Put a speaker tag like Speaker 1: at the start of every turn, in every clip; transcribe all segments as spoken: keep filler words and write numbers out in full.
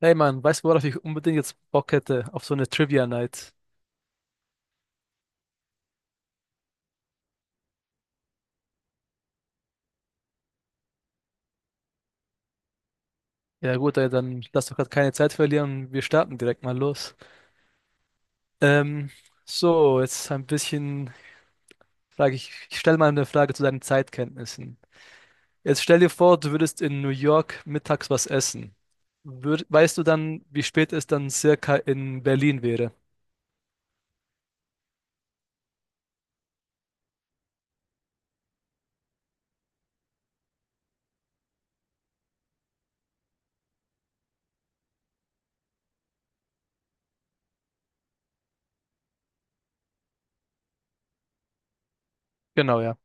Speaker 1: Hey Mann, weißt du, worauf ich unbedingt jetzt Bock hätte? Auf so eine Trivia Night. Ja gut, ey, dann lass doch gerade keine Zeit verlieren. Wir starten direkt mal los. Ähm, so, jetzt ein bisschen frage ich, ich stelle mal eine Frage zu deinen Zeitkenntnissen. Jetzt stell dir vor, du würdest in New York mittags was essen. Würd, weißt du dann, wie spät es dann circa in Berlin wäre? Genau, ja.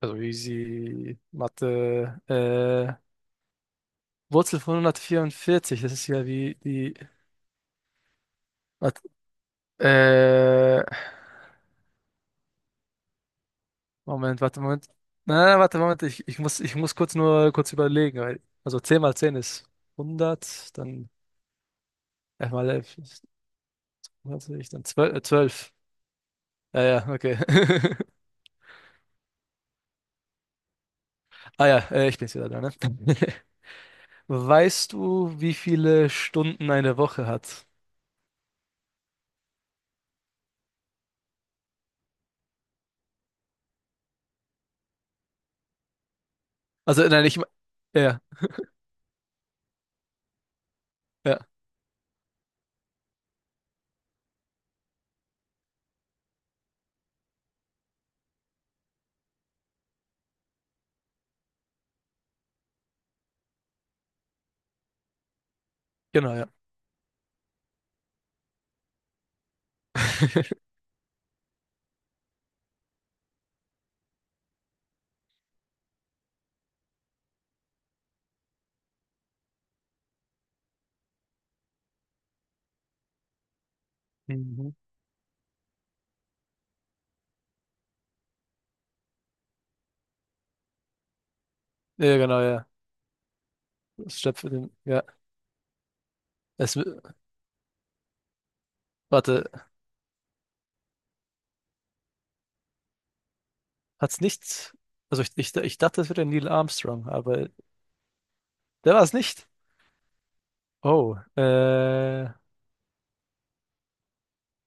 Speaker 1: Also easy Mathe. Äh, Wurzel von hundertvierundvierzig, das ist ja wie die. Warte, äh, Moment, warte, Moment. Na, warte, Moment. Ich, ich muss, ich muss kurz nur kurz überlegen. Weil, also zehn mal zehn ist hundert, dann elf mal elf ist zwanzig, dann zwölf, Äh, zwölf. Ja, ja, okay. Ah ja, äh, ich bin's wieder da, ne? Weißt du, wie viele Stunden eine Woche hat? Also, nein, ich. me- Ja, ja, genau, ja. Mhm. Ja, ja, genau, ja. Das steht für den. Ja. Es, w- warte, hat's nicht. Also, ich, ich, ich dachte, es wäre Neil Armstrong, aber der war es nicht. Oh, äh, ja,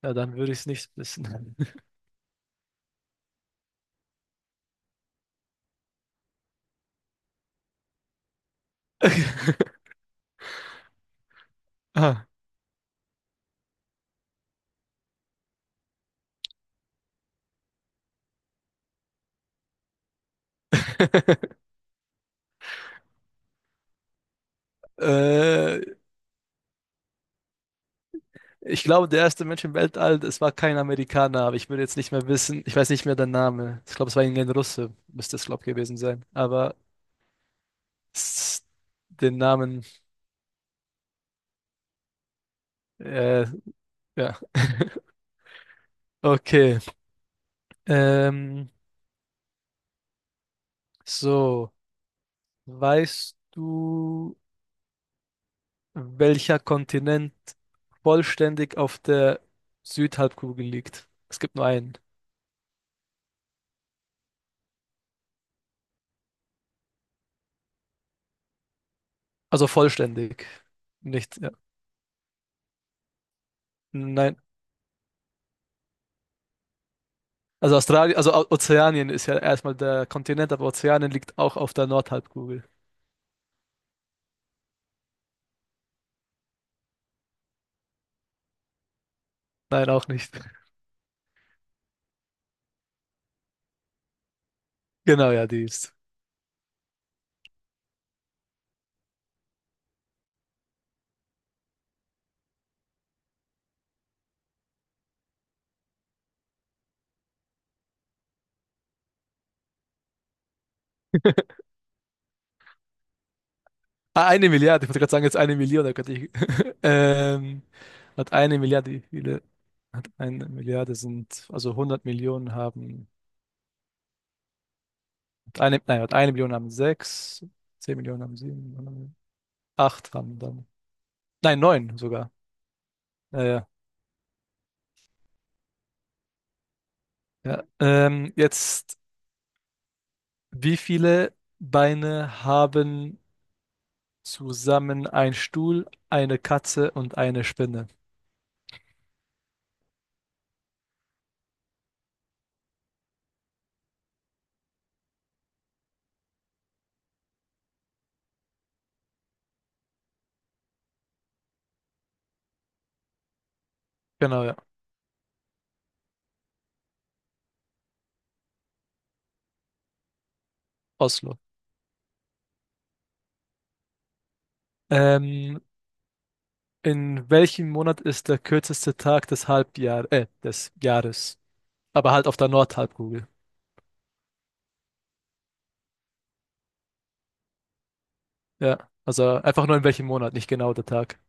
Speaker 1: dann würde ich es nicht wissen. Ah. Äh, Ich glaube, der erste Mensch im Weltall, es war kein Amerikaner, aber ich würde jetzt nicht mehr wissen, ich weiß nicht mehr den Namen. Ich glaube, es war irgendein Russe, müsste es, glaube ich, gewesen sein. Aber s- den Namen, äh, ja. Okay. Ähm, so, weißt du, welcher Kontinent vollständig auf der Südhalbkugel liegt? Es gibt nur einen. Also vollständig. Nicht, ja. Nein. Also Australien, also O- Ozeanien ist ja erstmal der Kontinent, aber Ozeanien liegt auch auf der Nordhalbkugel. Nein, auch nicht. Genau, ja, die ist. Ah, eine Milliarde, ich wollte gerade sagen, jetzt eine Million, da könnte ich. Ähm, Hat eine Milliarde, wie viele? Hat eine Milliarde sind, also 100 Millionen haben, hat eine, nein, hat eine Million haben sechs, zehn Millionen haben sieben, acht haben dann. Nein, neun sogar. Ja, ja, ja. Ähm, jetzt, wie viele Beine haben zusammen ein Stuhl, eine Katze und eine Spinne? Genau, ja. Oslo. Ähm, in welchem Monat ist der kürzeste Tag des Halbjahr, äh, des Jahres? Aber halt auf der Nordhalbkugel. Ja, also einfach nur in welchem Monat, nicht genau der Tag.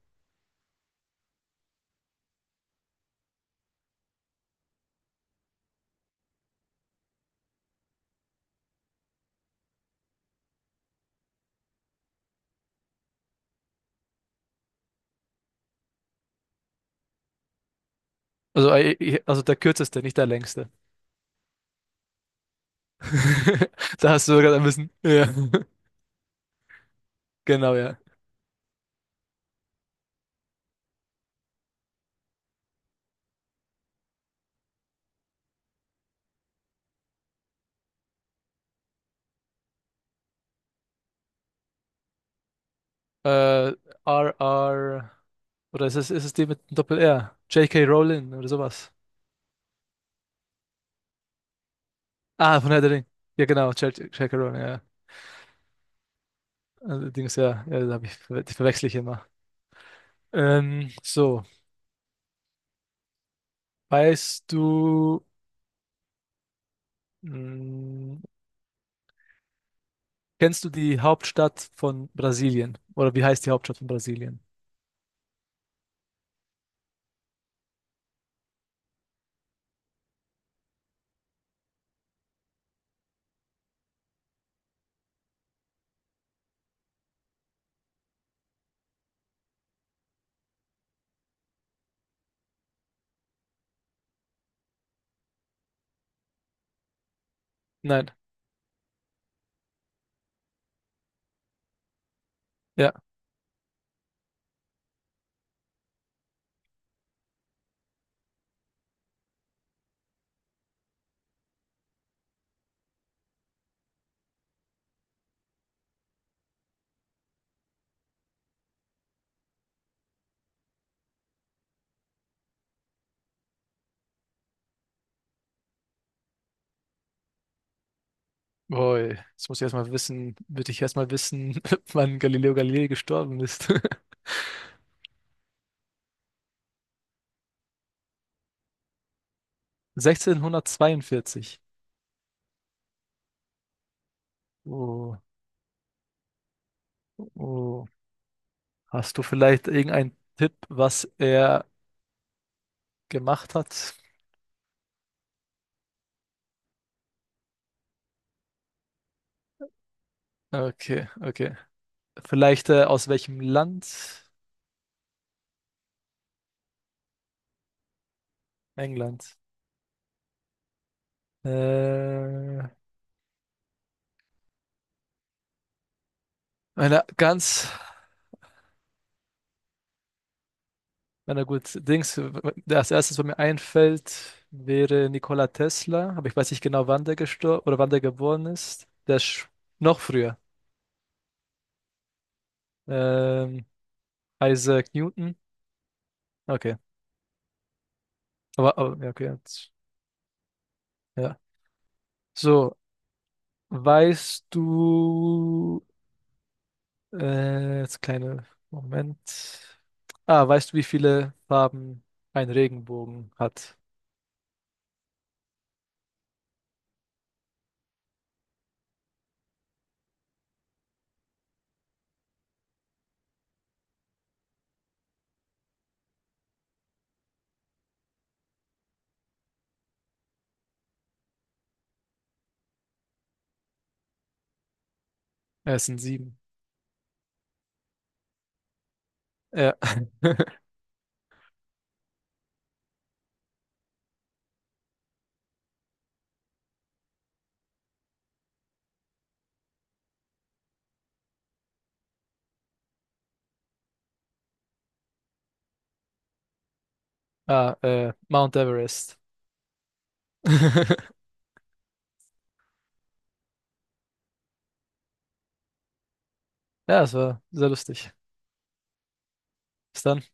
Speaker 1: Also, äh, also der kürzeste, nicht der längste. Da hast du sogar ein bisschen. Ja, genau, ja. Äh, R R. Oder ist es, ist es die mit dem Doppel-R? J K Rowling oder sowas. Ah, von Herr der Ring. Ja, genau, J- K Rowling, ja. Allerdings ja, ja, da hab ich, ver- die verwechsel ich immer. Ähm, so, weißt du, mh, kennst du die Hauptstadt von Brasilien? Oder wie heißt die Hauptstadt von Brasilien? Nein. Ja. Boy, jetzt muss ich erstmal wissen, würde ich erstmal wissen, wann Galileo Galilei gestorben ist. sechzehnhundertzweiundvierzig. Oh, oh. Hast du vielleicht irgendeinen Tipp, was er gemacht hat. Okay, okay. Vielleicht äh, aus welchem Land? England. Äh, eine ganz, na gut, Dings, der als erstes, was mir einfällt, wäre Nikola Tesla, aber ich weiß nicht genau, wann der gestorben oder wann der geboren ist. Der ist noch früher. Ähm, Isaac Newton. Okay. Aber, aber ja, okay. jetzt- Ja. So, weißt du, Äh, jetzt kleine Moment. Ah, weißt du, wie viele Farben ein Regenbogen hat? Äh, Es sind sieben. Ja. Ah, äh, Mount Everest. Ja, es war sehr lustig. Bis dann.